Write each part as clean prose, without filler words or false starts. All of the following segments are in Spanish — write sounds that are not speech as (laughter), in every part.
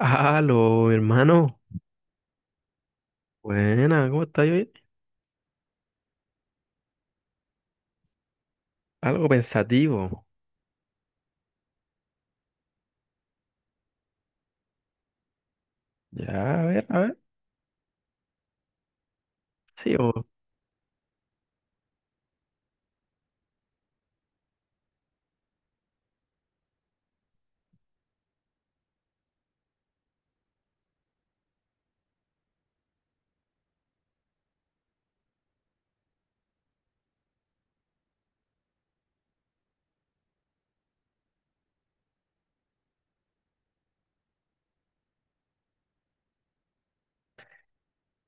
Aló, hermano. Buena, ¿cómo estás hoy? Algo pensativo. Ya, a ver, a ver. Sí, o...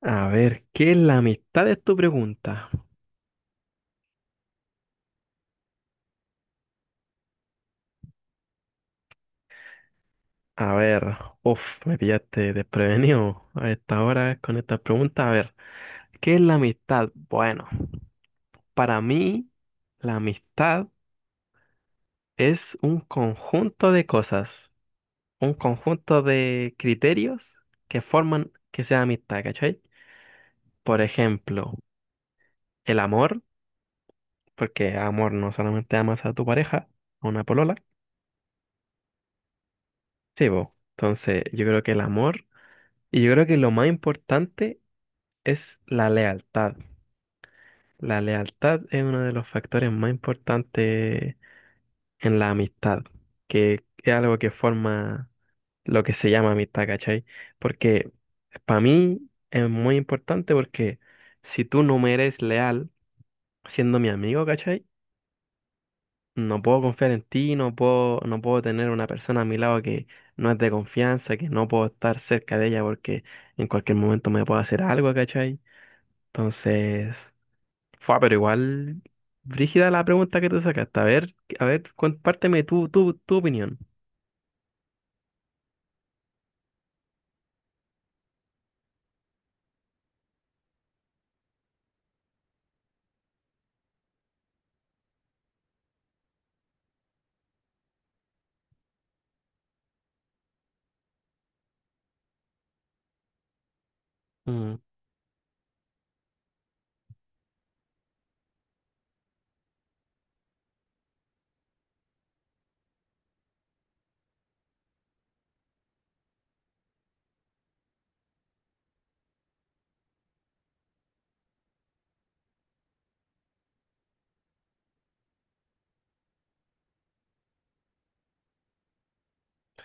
A ver, ¿qué es la amistad? Es tu pregunta. A ver, uff, me pillaste desprevenido a esta hora con esta pregunta. A ver, ¿qué es la amistad? Bueno, para mí, la amistad es un conjunto de cosas, un conjunto de criterios que forman que sea amistad, ¿cachai? Por ejemplo, el amor. Porque amor no solamente amas a tu pareja, a una polola, sí, vos. Entonces, yo creo que el amor, y yo creo que lo más importante es la lealtad. La lealtad es uno de los factores más importantes en la amistad, que es algo que forma lo que se llama amistad, ¿cachai? Porque para mí es muy importante porque si tú no me eres leal siendo mi amigo, ¿cachai? No puedo confiar en ti, no puedo, no puedo tener una persona a mi lado que no es de confianza, que no puedo estar cerca de ella porque en cualquier momento me puede hacer algo, ¿cachai? Entonces, fue, pero igual, brígida la pregunta que te sacaste. A ver, compárteme tu opinión. Mm,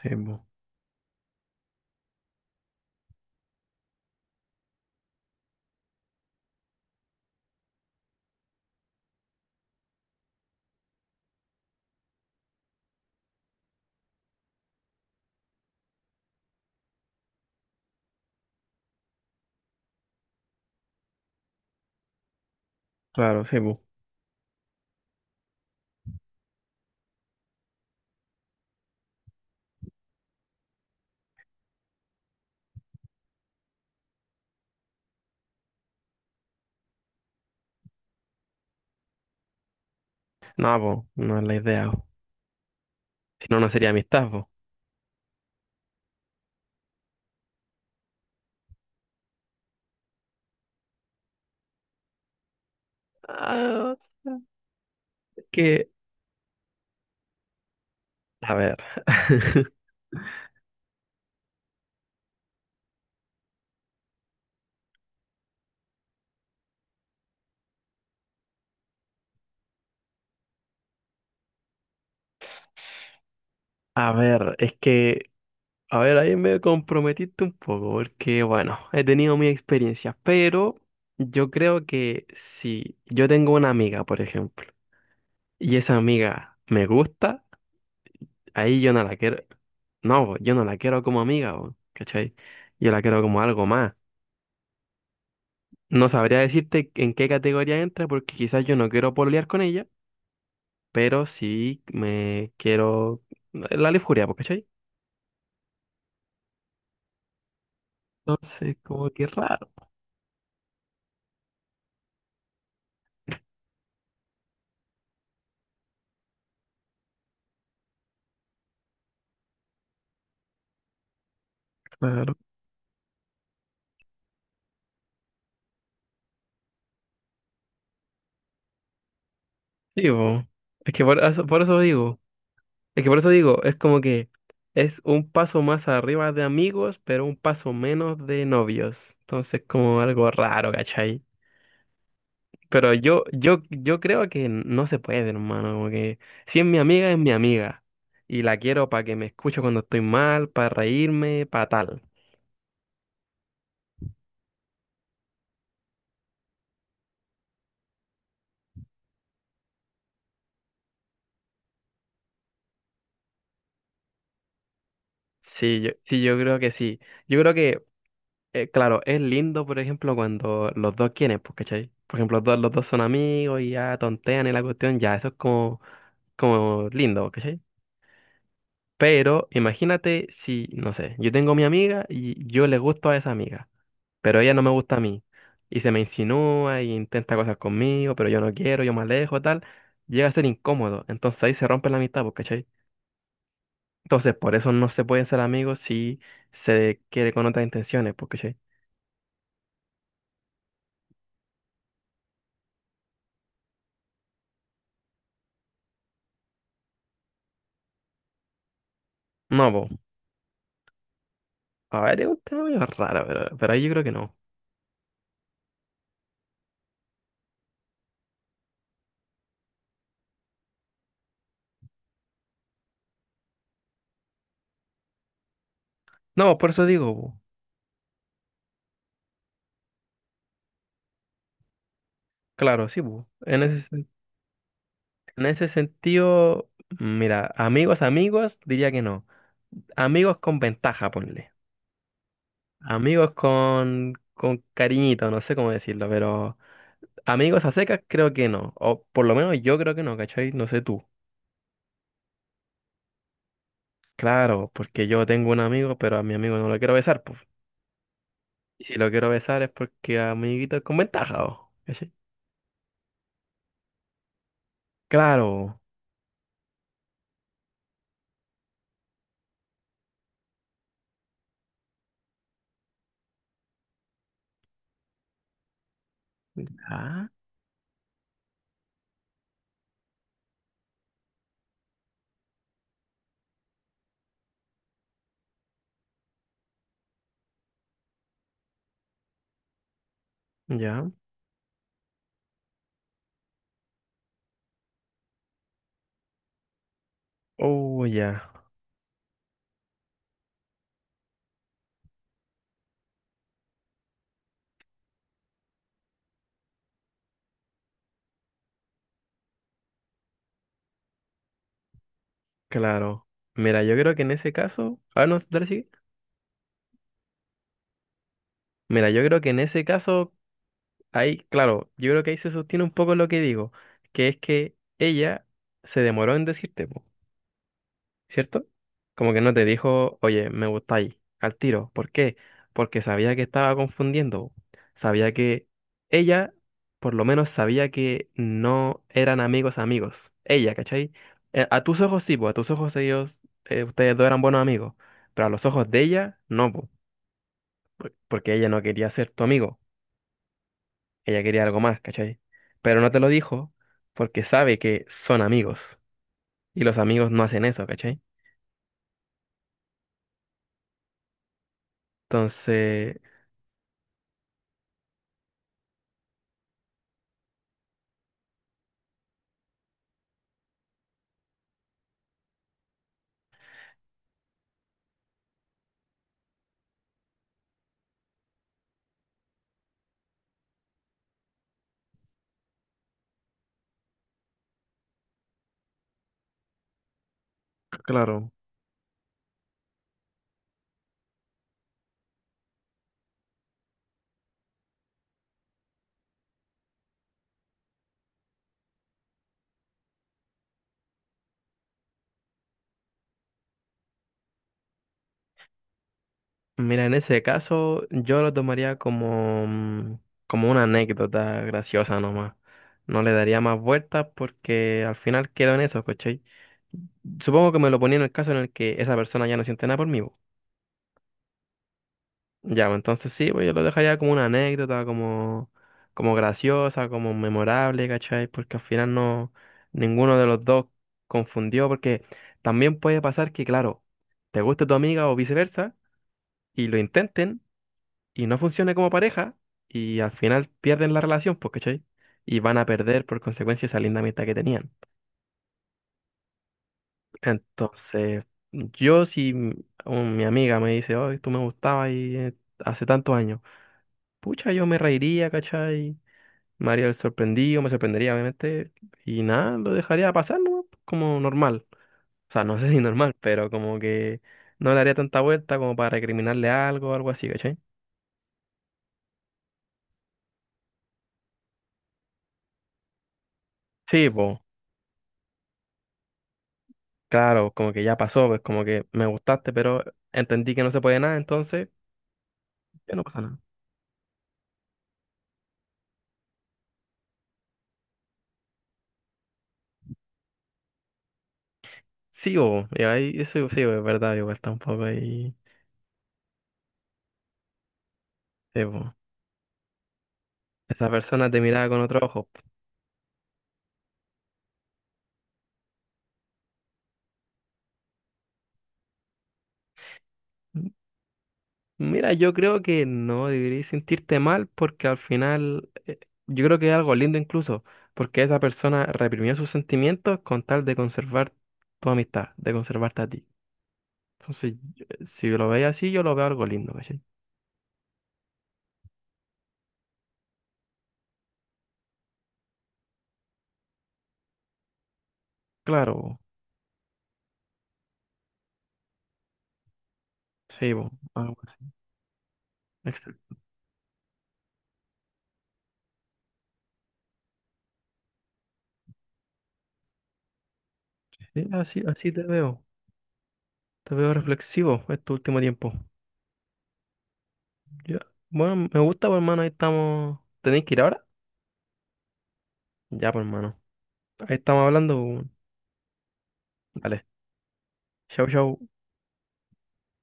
sí, po. Claro, sí, po. No, po, no es la idea. Po. Si no, no sería amistad, po. Ah, que, a ver. (laughs) A ver, es que a ver, ahí me comprometiste un poco, porque bueno, he tenido mi experiencia, pero yo creo que si yo tengo una amiga, por ejemplo, y esa amiga me gusta, ahí yo no la quiero, no, bo, yo no la quiero como amiga, bo, ¿cachai? Yo la quiero como algo más. No sabría decirte en qué categoría entra, porque quizás yo no quiero pololear con ella, pero sí me quiero la lujuria, bo, ¿cachai? Entonces, como que raro, claro. Sí, bo, es que por eso digo. Es que por eso digo, es como que es un paso más arriba de amigos, pero un paso menos de novios. Entonces, como algo raro, ¿cachai? Pero yo creo que no se puede, hermano. Como que si es mi amiga, es mi amiga. Y la quiero para que me escuche cuando estoy mal, para reírme, para tal. Sí, yo, sí, yo creo que sí. Yo creo que, claro, es lindo, por ejemplo, cuando los dos quieren, pues, ¿cachai? Por ejemplo, los dos son amigos y ya tontean en la cuestión, ya, eso es como, como lindo, ¿cachai? Pero imagínate si, no sé, yo tengo mi amiga y yo le gusto a esa amiga, pero ella no me gusta a mí. Y se me insinúa y intenta cosas conmigo, pero yo no quiero, yo me alejo, tal. Llega a ser incómodo. Entonces ahí se rompe la amistad, pues, ¿cachai? Entonces por eso no se pueden ser amigos si se quiere con otras intenciones, pues, ¿cachai? No, pues. A ver, es un tema medio raro, pero ahí yo creo que no. No, por eso digo, po. Claro, sí, po. En ese, sen- en ese sentido, mira, amigos, amigos, diría que no. Amigos con ventaja, ponle. Amigos con cariñito, no sé cómo decirlo, pero amigos a secas creo que no. O por lo menos yo creo que no, ¿cachai? No sé tú. Claro, porque yo tengo un amigo, pero a mi amigo no lo quiero besar, pues. Y si lo quiero besar es porque amiguito es con ventaja, o, ¿cachai? Claro. Ah, ya. Oh, ya. Claro. Mira, yo creo que en ese caso. A ver, no, dale, sigue. Mira, yo creo que en ese caso ahí, claro, yo creo que ahí se sostiene un poco lo que digo, que es que ella se demoró en decirte, po, ¿cierto? Como que no te dijo, oye, me gustáis, al tiro. ¿Por qué? Porque sabía que estaba confundiendo. Po. Sabía que ella, por lo menos, sabía que no eran amigos amigos. Ella, ¿cachai? A tus ojos sí, pues, a tus ojos ellos, ustedes dos eran buenos amigos, pero a los ojos de ella, no, po, porque ella no quería ser tu amigo. Ella quería algo más, ¿cachai? Pero no te lo dijo porque sabe que son amigos y los amigos no hacen eso, ¿cachai? Entonces, claro, mira, en ese caso yo lo tomaría como, mm, como una anécdota graciosa nomás. No le daría más vueltas porque al final quedó en eso, ¿cachai? Supongo que me lo ponía en el caso en el que esa persona ya no siente nada por mí, ya, pues, entonces sí, pues yo lo dejaría como una anécdota, como, como graciosa, como memorable, ¿cachai? Porque al final no, ninguno de los dos confundió, porque también puede pasar que, claro, te guste tu amiga o viceversa, y lo intenten, y no funcione como pareja, y al final pierden la relación, pues, ¿cachai? Y van a perder por consecuencia esa linda amistad que tenían. Entonces, yo si m- un- mi amiga me dice, oh, tú me gustabas y hace tantos años, pucha, yo me reiría, ¿cachai? Me haría el sorprendido, me sorprendería, obviamente. Y nada, lo dejaría pasar, ¿no? Como normal. O sea, no sé (laughs) si normal, pero como que no le haría tanta vuelta como para recriminarle algo o algo así, ¿cachai? Sí, pues, claro, como que ya pasó, pues como que me gustaste, pero entendí que no se puede nada, entonces ya no pasa nada. Sí, po, y ahí eso sí, po, es verdad, igual está un poco ahí. Sí, po. Esa persona te miraba con otro ojo. Mira, yo creo que no deberías sentirte mal porque al final yo creo que es algo lindo incluso, porque esa persona reprimió sus sentimientos con tal de conservar tu amistad, de conservarte a ti. Entonces, si lo veis así, yo lo veo algo lindo, ¿cachai? Claro, sí, bo, algo así. Excel- sí, así, así te veo reflexivo este último tiempo. Ya, bueno, me gusta, pues, hermano, ahí estamos. ¿Tenéis que ir ahora? Ya, pues, hermano. Ahí estamos hablando. Bo. Dale, chau, chau.